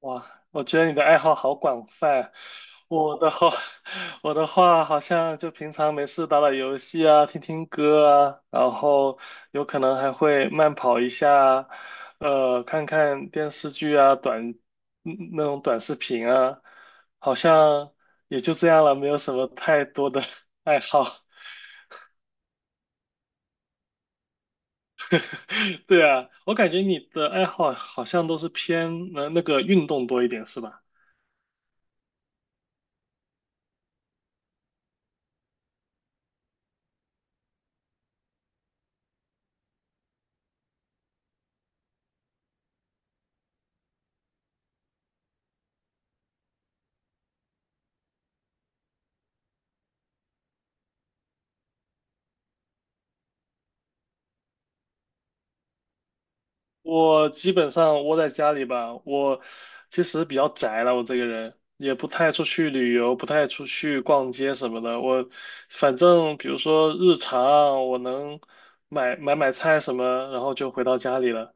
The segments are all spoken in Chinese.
哇，我觉得你的爱好好广泛啊。我的话，我的话好像就平常没事打打游戏啊，听听歌啊，然后有可能还会慢跑一下啊，看看电视剧啊，嗯那种短视频啊，好像也就这样了，没有什么太多的 爱好。对啊，我感觉你的爱好好像都是偏那个运动多一点，是吧？我基本上窝在家里吧，我其实比较宅了，我这个人也不太出去旅游，不太出去逛街什么的。我反正比如说日常，我能买菜什么，然后就回到家里了。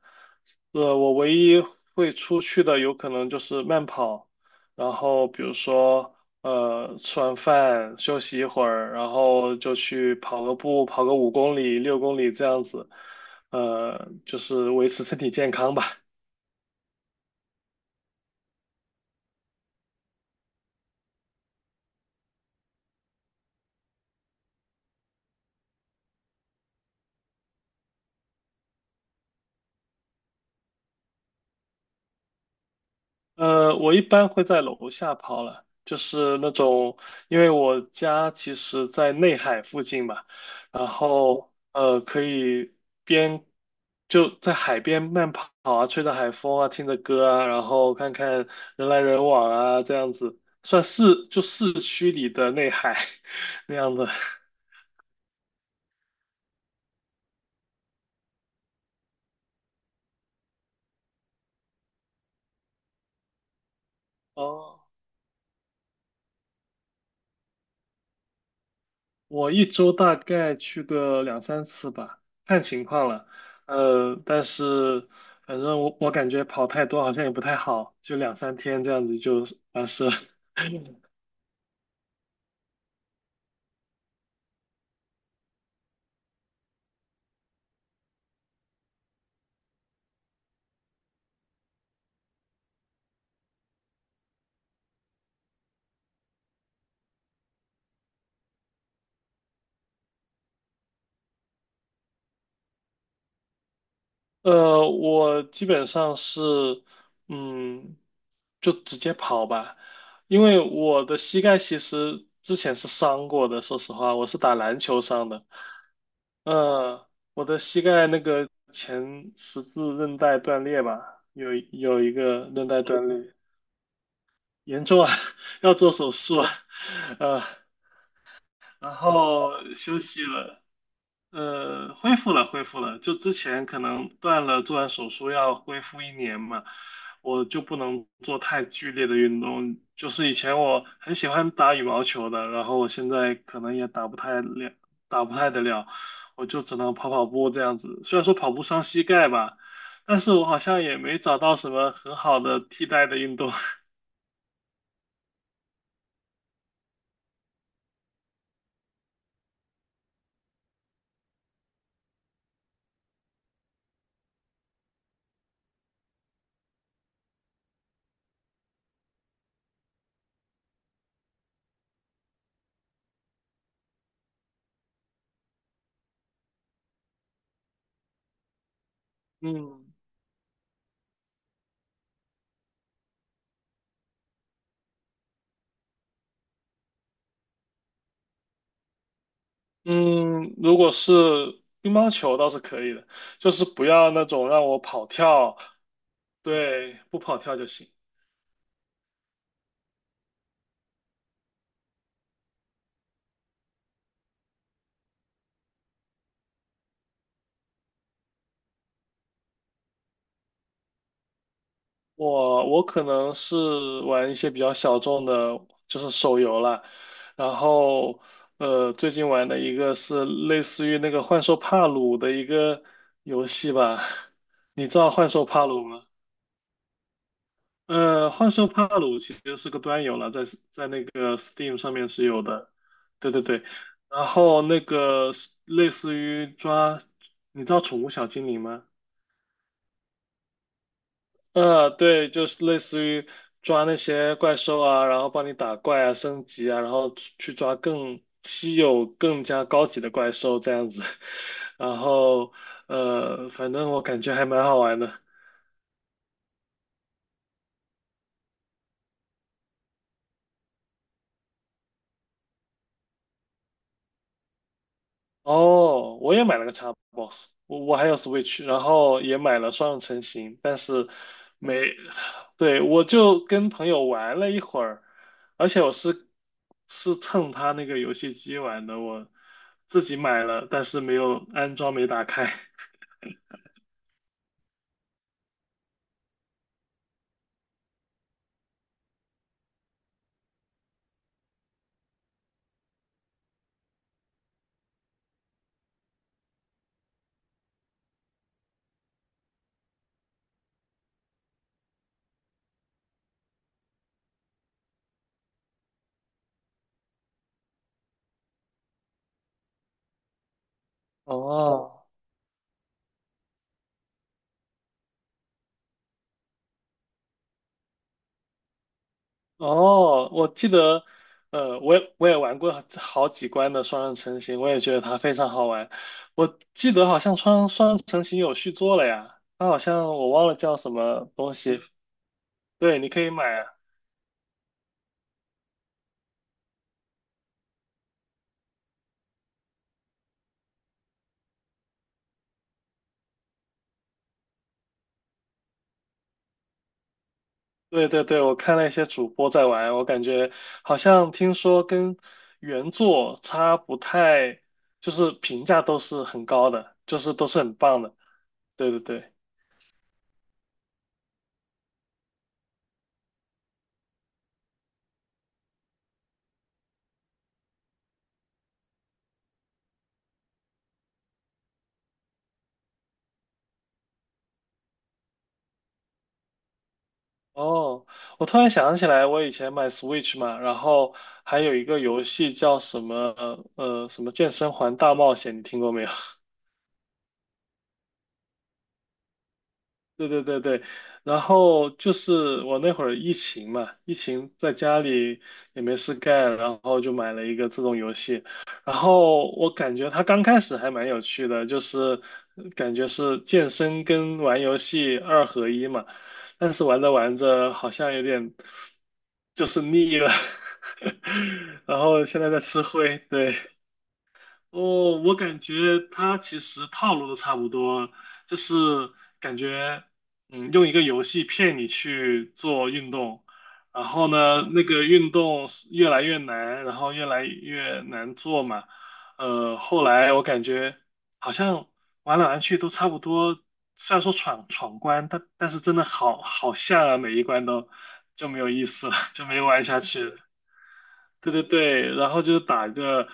呃，我唯一会出去的有可能就是慢跑，然后比如说，吃完饭休息一会儿，然后就去跑个步，跑个五公里、六公里这样子，就是维持身体健康吧。呃，我一般会在楼下跑了，就是那种，因为我家其实在内海附近嘛，然后可以边就在海边慢跑啊，吹着海风啊，听着歌啊，然后看看人来人往啊，这样子算市区里的内海 那样子。哦，我一周大概去个两三次吧，看情况了。但是反正我感觉跑太多好像也不太好，就两三天这样子就完事了。呃，我基本上是，嗯，就直接跑吧，因为我的膝盖其实之前是伤过的，说实话，我是打篮球伤的，呃，我的膝盖那个前十字韧带断裂吧，有一个韧带断裂，严重啊，要做手术啊，呃，然后休息了，恢复了，恢复了。就之前可能断了，做完手术要恢复一年嘛，我就不能做太剧烈的运动。就是以前我很喜欢打羽毛球的，然后我现在可能也打不太了，打不太得了，我就只能跑跑步这样子。虽然说跑步伤膝盖吧，但是我好像也没找到什么很好的替代的运动。嗯。嗯，如果是乒乓球倒是可以的，就是不要那种让我跑跳，对，不跑跳就行。我我可能是玩一些比较小众的，就是手游啦。然后最近玩的一个是类似于那个幻兽帕鲁的一个游戏吧，你知道幻兽帕鲁吗？呃，幻兽帕鲁其实是个端游了，在那个 Steam 上面是有的，对对对。然后那个是类似于抓，你知道宠物小精灵吗？呃，对，就是类似于抓那些怪兽啊，然后帮你打怪啊、升级啊，然后去抓更稀有、更加高级的怪兽这样子。然后反正我感觉还蛮好玩的。哦，我也买了个 Xbox,我还有 Switch,然后也买了双人成行，但是没，对，我就跟朋友玩了一会儿，而且是蹭他那个游戏机玩的，我自己买了，但是没有安装，没打开。哦。哦，我记得，呃，我也玩过好几关的双人成行，我也觉得它非常好玩。我记得好像双人成行有续作了呀，它好像我忘了叫什么东西。对，你可以买啊。对对对，我看了一些主播在玩，我感觉好像听说跟原作差不太，就是评价都是很高的，就是都是很棒的。对对对。哦，我突然想起来，我以前买 Switch 嘛，然后还有一个游戏叫什么健身环大冒险，你听过没有？对对对对，然后就是我那会儿疫情嘛，疫情在家里也没事干，然后就买了一个这种游戏，然后我感觉它刚开始还蛮有趣的，就是感觉是健身跟玩游戏二合一嘛，但是玩着玩着好像有点就是腻了，然后现在在吃灰，对。哦，我感觉它其实套路都差不多，就是感觉，嗯，用一个游戏骗你去做运动，然后呢，那个运动是越来越难，然后越来越难做嘛，呃，后来我感觉好像玩来玩去都差不多，虽然说闯关，但是真的好像啊，每一关都就没有意思了，就没玩下去了。对对对，然后就是打一个，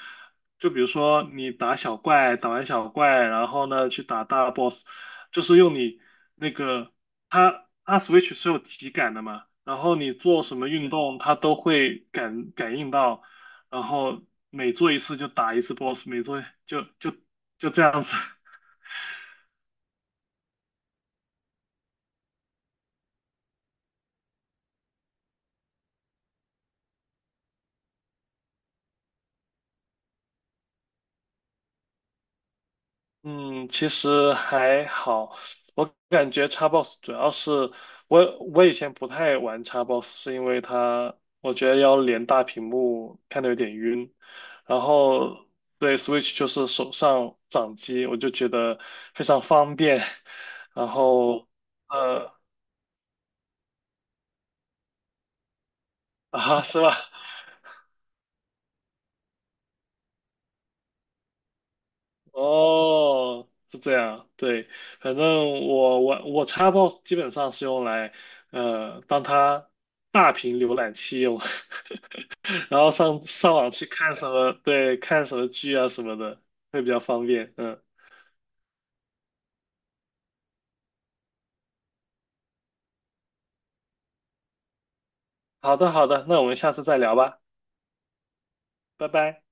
就比如说你打小怪，打完小怪，然后呢去打大 boss,就是用你那个它 Switch 是有体感的嘛，然后你做什么运动，它都会感应到，然后每做一次就打一次 boss,每做就这样子。嗯，其实还好，我感觉 Xbox 主要是我以前不太玩 Xbox,是因为它我觉得要连大屏幕看的有点晕，然后对 Switch 就是手上掌机，我就觉得非常方便，然后呃啊是吧？哦，是这样，对，反正我我 Xbox 基本上是用来当它大屏浏览器用。然后上网去看什么，对，看什么剧啊什么的，会比较方便。嗯，好的好的，那我们下次再聊吧，拜拜。